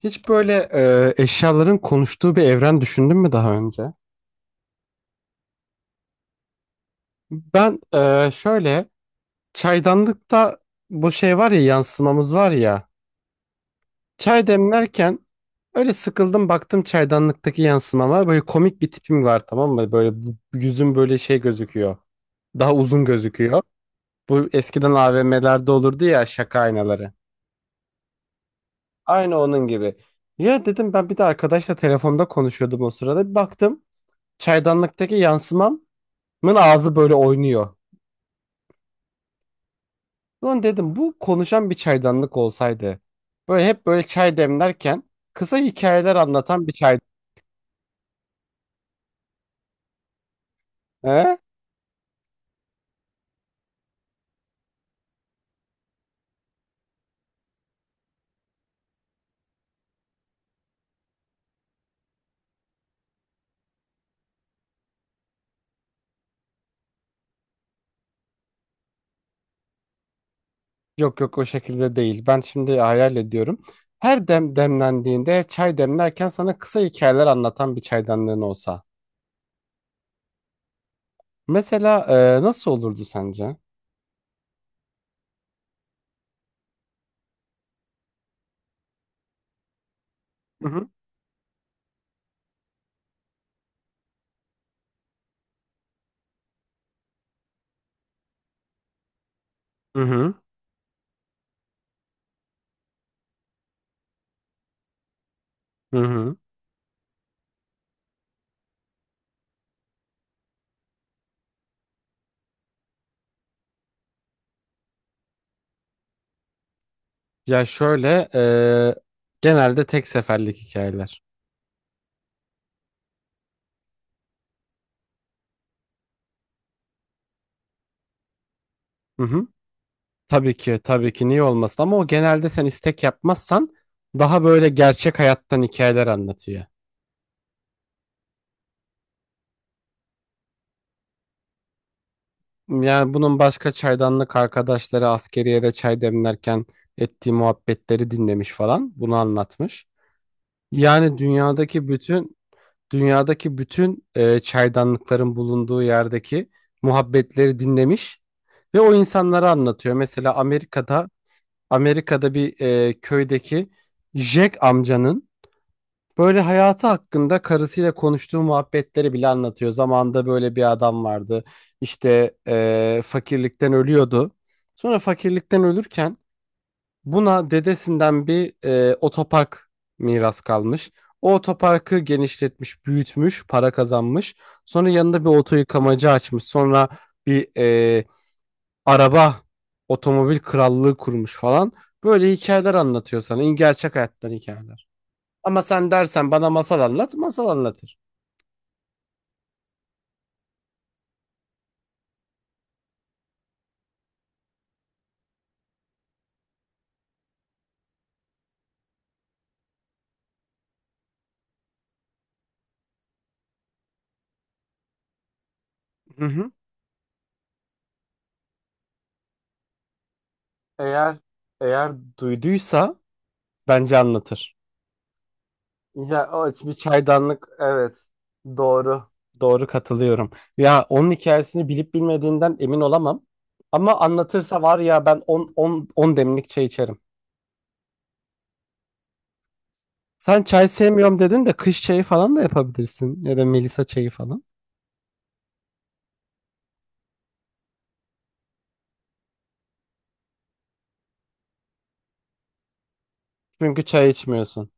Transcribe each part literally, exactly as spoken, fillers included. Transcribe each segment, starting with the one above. Hiç böyle e, eşyaların konuştuğu bir evren düşündün mü daha önce? Ben e, şöyle çaydanlıkta bu şey var ya yansımamız var ya. Çay demlerken öyle sıkıldım baktım çaydanlıktaki yansımama böyle komik bir tipim var, tamam mı? Böyle bu- yüzüm böyle şey gözüküyor. Daha uzun gözüküyor. Bu eskiden A V M'lerde olurdu ya, şaka aynaları. Aynı onun gibi. Ya dedim, ben bir de arkadaşla telefonda konuşuyordum o sırada. Bir baktım çaydanlıktaki yansımam ağzı böyle oynuyor. Lan dedim, bu konuşan bir çaydanlık olsaydı. Böyle hep böyle çay demlerken kısa hikayeler anlatan bir çay. He? Yok, yok, o şekilde değil. Ben şimdi hayal ediyorum. Her dem demlendiğinde, çay demlerken sana kısa hikayeler anlatan bir çaydanlığın olsa. Mesela e, nasıl olurdu sence? Hı hı. Hı hı. Hı hı. Ya şöyle, e, genelde tek seferlik hikayeler. Hı hı. Tabii ki, tabii ki, niye olmasın, ama o genelde sen istek yapmazsan daha böyle gerçek hayattan hikayeler anlatıyor. Yani bunun başka çaydanlık arkadaşları askeriyede çay demlerken ettiği muhabbetleri dinlemiş falan, bunu anlatmış. Yani dünyadaki bütün dünyadaki bütün e, çaydanlıkların bulunduğu yerdeki muhabbetleri dinlemiş ve o insanlara anlatıyor. Mesela Amerika'da Amerika'da bir e, köydeki Jack amcanın böyle hayatı hakkında karısıyla konuştuğu muhabbetleri bile anlatıyor. Zamanında böyle bir adam vardı. İşte eee, fakirlikten ölüyordu. Sonra fakirlikten ölürken buna dedesinden bir eee, otopark miras kalmış. O otoparkı genişletmiş, büyütmüş, para kazanmış. Sonra yanında bir oto yıkamacı açmış. Sonra bir eee, araba, otomobil krallığı kurmuş falan. Böyle hikayeler anlatıyor sana. İn- Gerçek hayattan hikayeler. Ama sen dersen bana masal anlat, masal anlatır. Hı hı. Eğer eğer duyduysa bence anlatır. Ya, o bir çaydanlık, evet. Doğru. Doğru, katılıyorum. Ya onun hikayesini bilip bilmediğinden emin olamam. Ama anlatırsa var ya, ben on on on demlik çay içerim. Sen çay sevmiyorum dedin de, kış çayı falan da yapabilirsin ya da Melisa çayı falan. Çünkü çay içmiyorsun.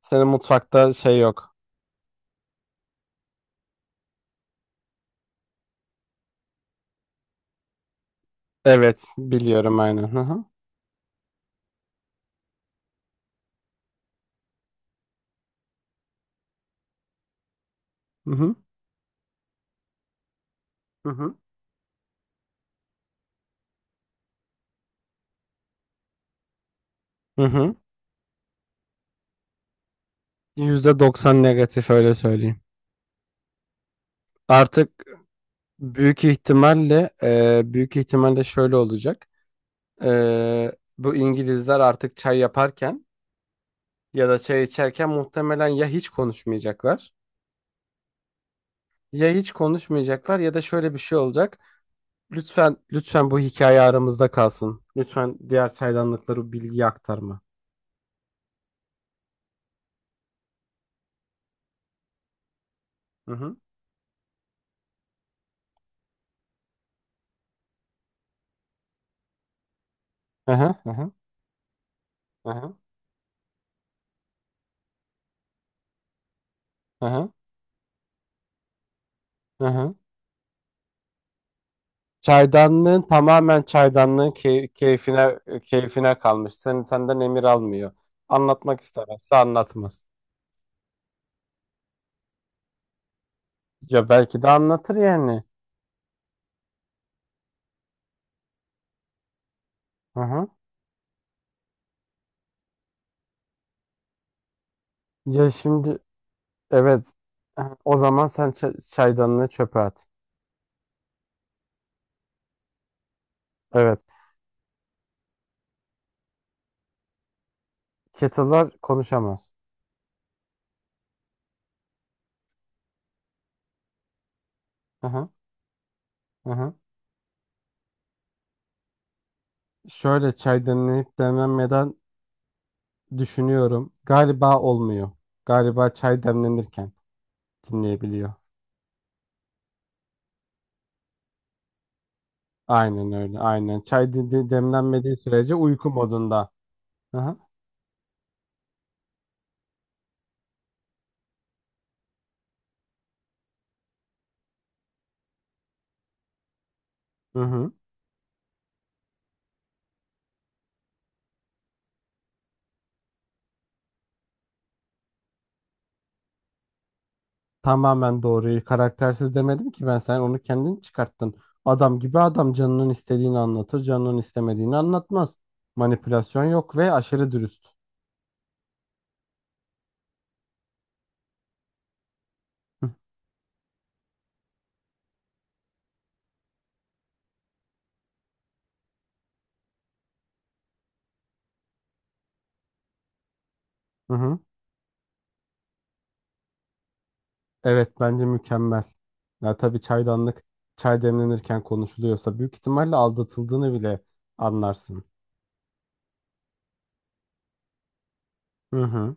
Senin mutfakta şey yok. Evet, biliyorum, aynen. Hı hı. Hı hı. Hı hı. Hı hı. yüzde doksan negatif öyle söyleyeyim. Artık büyük ihtimalle e, büyük ihtimalle şöyle olacak. Ee, bu İngilizler artık çay yaparken ya da çay içerken muhtemelen ya hiç konuşmayacaklar ya hiç konuşmayacaklar ya da şöyle bir şey olacak. Lütfen, lütfen, bu hikaye aramızda kalsın. Lütfen diğer çaydanlıklara bilgi aktarma. Hı hı. Hı hı hı hı hı hı hı hı. Hı. Çaydanlığın tamamen çaydanlığın key- keyfine keyfine kalmış. Sen senden emir almıyor. Anlatmak istemezse anlatmaz. Ya belki de anlatır yani. Hı hı. Ya şimdi Evet. O zaman sen ça- çaydanlığı çöpe at. Evet. Kettle'lar konuşamaz. Hı hı. Hı hı. Şöyle, çay demlenip demlenmeden düşünüyorum. Galiba olmuyor. Galiba çay demlenirken dinleyebiliyor. Aynen öyle. Aynen. Çay de- de- demlenmediği sürece uyku modunda. Aha, hı hı. Hı. Tamamen doğruyu, karaktersiz demedim ki ben. Sen onu kendin çıkarttın. Adam gibi adam, canının istediğini anlatır, canının istemediğini anlatmaz. Manipülasyon yok ve aşırı dürüst. Hı hı. Evet, bence mükemmel. Ya tabii, çaydanlık çay demlenirken konuşuluyorsa büyük ihtimalle aldatıldığını bile anlarsın. Hı hı.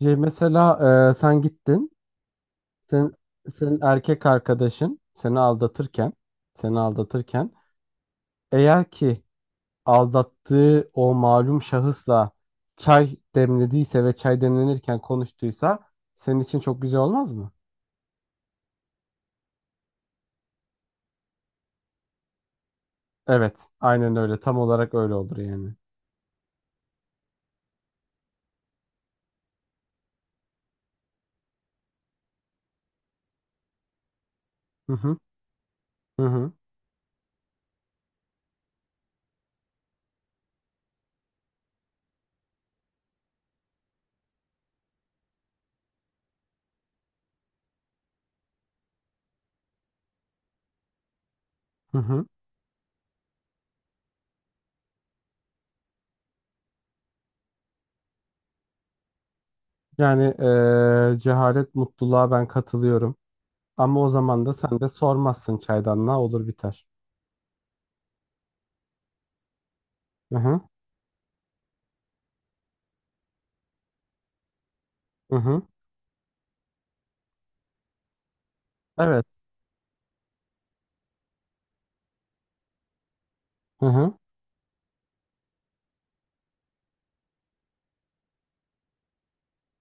Ya mesela, e, sen gittin. Sen, senin erkek arkadaşın seni aldatırken seni aldatırken, eğer ki aldattığı o malum şahısla çay demlediyse ve çay demlenirken konuştuysa, senin için çok güzel olmaz mı? Evet, aynen öyle. Tam olarak öyle olur yani. Hı hı. Hı hı. Hı hı. Yani eee, cehalet mutluluğa ben katılıyorum. Ama o zaman da sen de sormazsın çaydanlığa, olur biter. Hı hı hı hı. Evet. Hı hı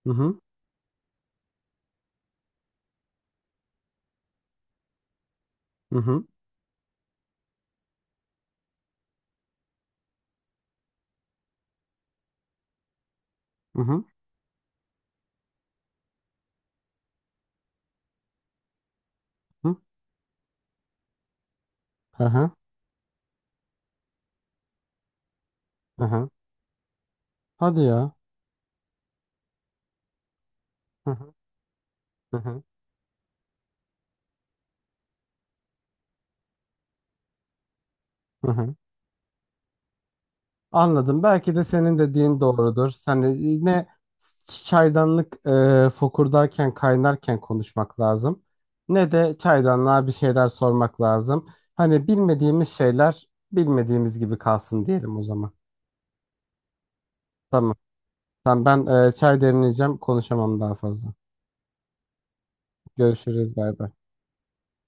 hı hı hı hı hı hı hı hı hı. Hı. Hadi ya. Hı hı hı hı hı hı. Anladım. Belki de senin dediğin doğrudur. Sen de yine çaydanlık eee fokurdarken, kaynarken konuşmak lazım. Ne de çaydanlığa bir şeyler sormak lazım. Hani bilmediğimiz şeyler bilmediğimiz gibi kalsın diyelim o zaman. Tamam. Tamam, ben e, çay demleyeceğim. Konuşamam daha fazla. Görüşürüz. Bay bay.